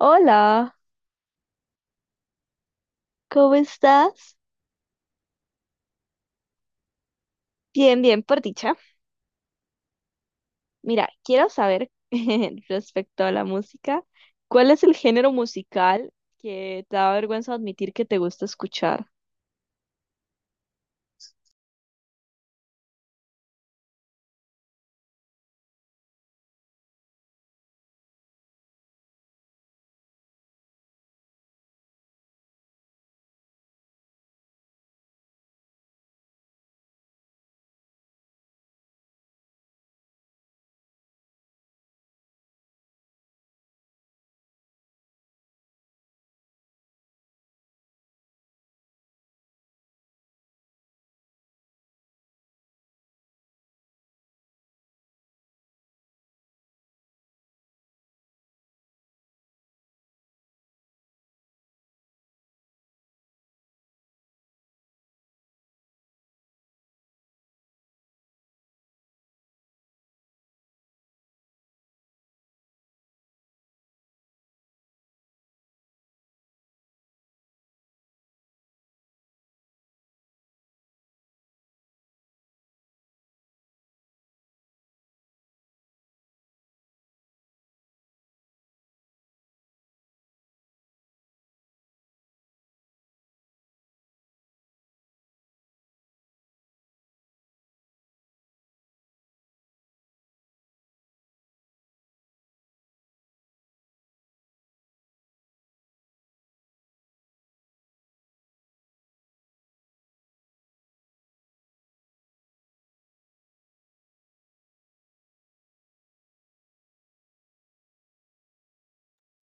Hola, ¿cómo estás? Bien, bien, por dicha. Mira, quiero saber respecto a la música, ¿cuál es el género musical que te da vergüenza admitir que te gusta escuchar?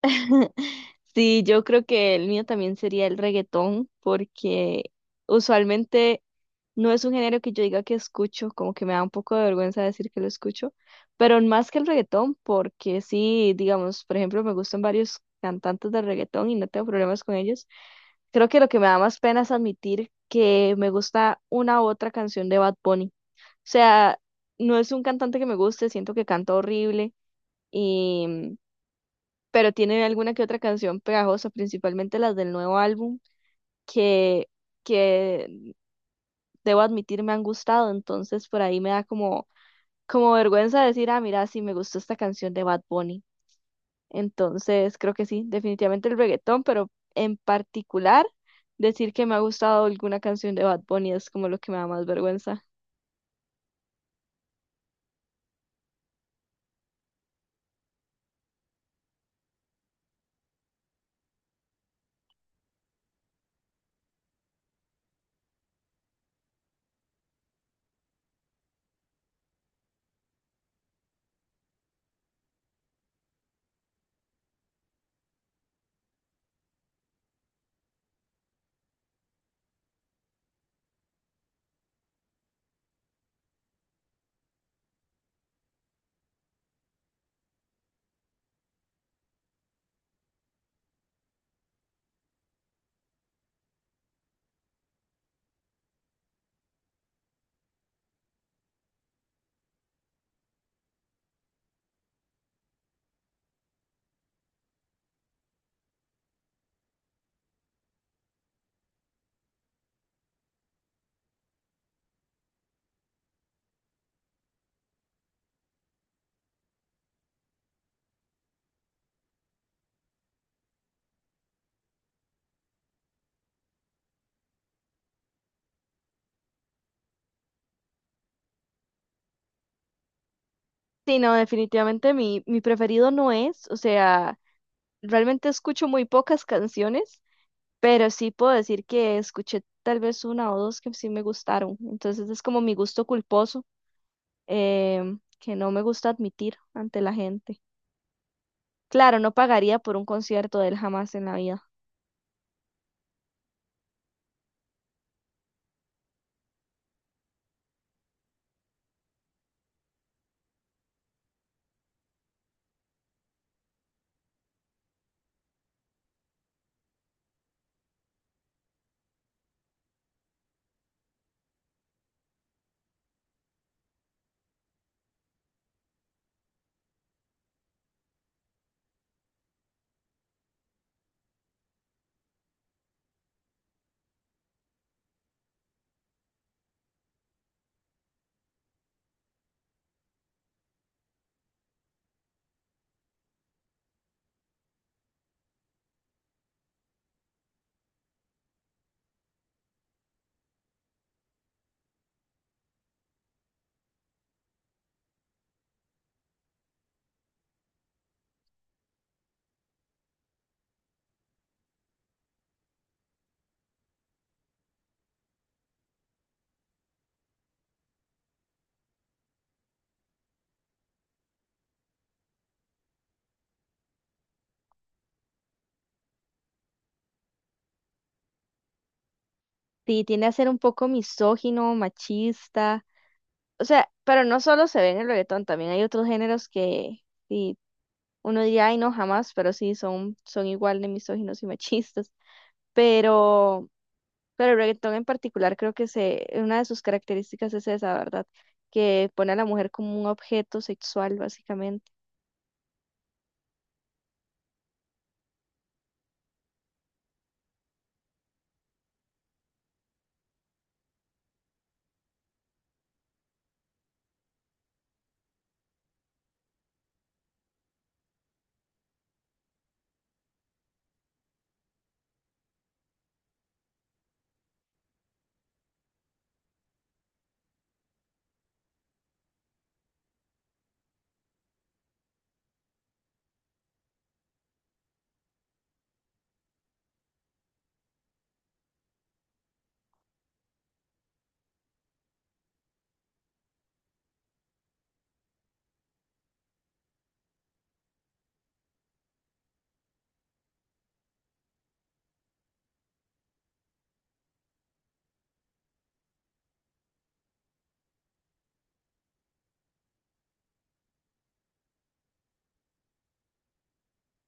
Sí, yo creo que el mío también sería el reggaetón, porque usualmente no es un género que yo diga que escucho, como que me da un poco de vergüenza decir que lo escucho, pero más que el reggaetón, porque sí, digamos, por ejemplo, me gustan varios cantantes de reggaetón y no tengo problemas con ellos. Creo que lo que me da más pena es admitir que me gusta una u otra canción de Bad Bunny. O sea, no es un cantante que me guste, siento que canta horrible, pero tiene alguna que otra canción pegajosa, principalmente las del nuevo álbum, que, que debo admitir me han gustado, entonces por ahí me da como, vergüenza decir, ah, mira, sí me gustó esta canción de Bad Bunny. Entonces creo que sí, definitivamente el reggaetón, pero en particular decir que me ha gustado alguna canción de Bad Bunny es como lo que me da más vergüenza. Sí, no, definitivamente mi preferido no es, o sea, realmente escucho muy pocas canciones, pero sí puedo decir que escuché tal vez una o dos que sí me gustaron. Entonces es como mi gusto culposo, que no me gusta admitir ante la gente. Claro, no pagaría por un concierto de él jamás en la vida. Sí, tiende a ser un poco misógino, machista. O sea, pero no solo se ve en el reggaetón, también hay otros géneros que sí, uno diría, ay, no, jamás, pero sí, son igual de misóginos y machistas. Pero el reggaetón en particular creo que una de sus características es esa, ¿verdad? Que pone a la mujer como un objeto sexual, básicamente.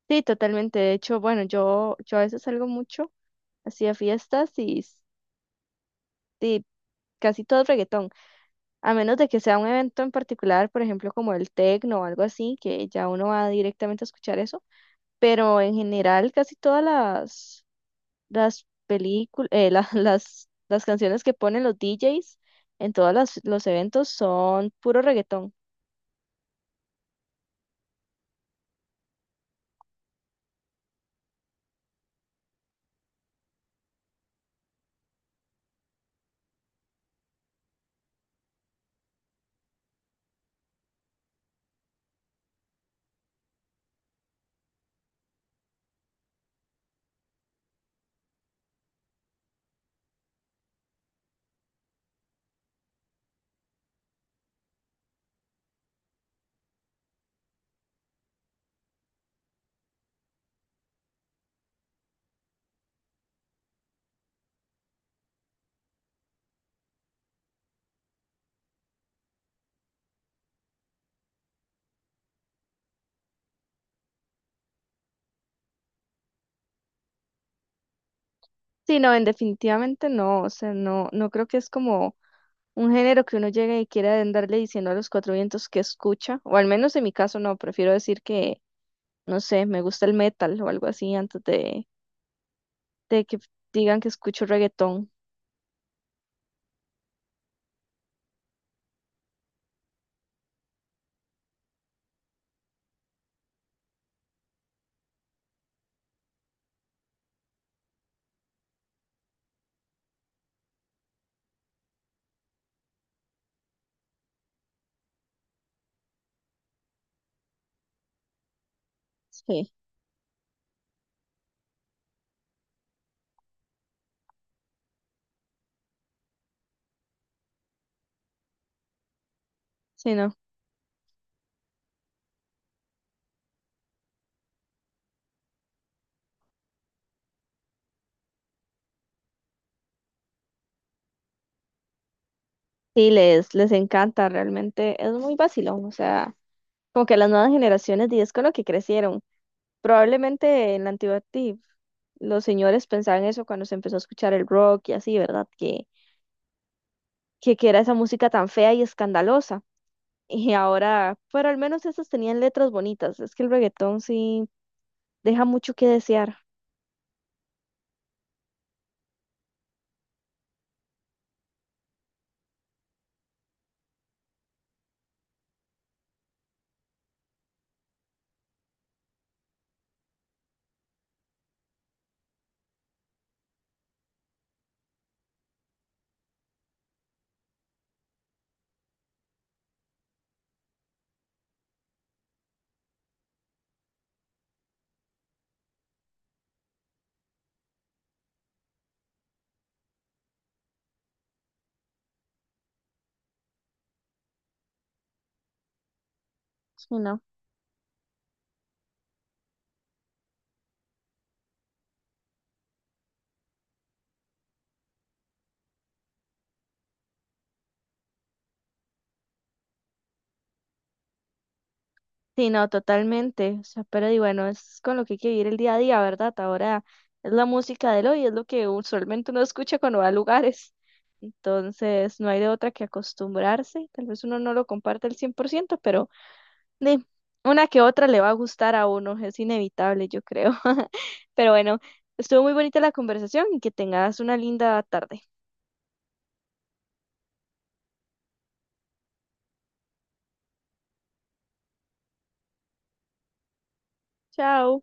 Sí, totalmente. De hecho, bueno, yo a veces salgo mucho, así a fiestas y casi todo es reggaetón. A menos de que sea un evento en particular, por ejemplo, como el techno o algo así, que ya uno va directamente a escuchar eso. Pero en general, casi todas las películas, las canciones que ponen los DJs en todos los eventos son puro reggaetón. Sí, no, en definitivamente no, o sea, no, creo que es como un género que uno llegue y quiera andarle diciendo a los cuatro vientos que escucha, o al menos en mi caso no, prefiero decir que, no sé, me gusta el metal o algo así antes de que digan que escucho reggaetón. Sí, sí, no. Sí, les encanta, realmente es muy vacilón, o sea, como que las nuevas generaciones, y es con lo que crecieron. Probablemente en la antigüedad sí, los señores pensaban eso cuando se empezó a escuchar el rock y así, ¿verdad? Que era esa música tan fea y escandalosa. Y ahora, pero al menos esas tenían letras bonitas. Es que el reggaetón sí deja mucho que desear. Sí, no. Sí, no, totalmente. O sea, pero y bueno, es con lo que hay que vivir el día a día, ¿verdad? Ahora es la música del hoy, es lo que usualmente uno escucha cuando va a lugares. Entonces, no hay de otra que acostumbrarse. Tal vez uno no lo comparte al 100%, pero Di, una que otra le va a gustar a uno, es inevitable, yo creo. Pero bueno, estuvo muy bonita la conversación y que tengas una linda tarde. Chao.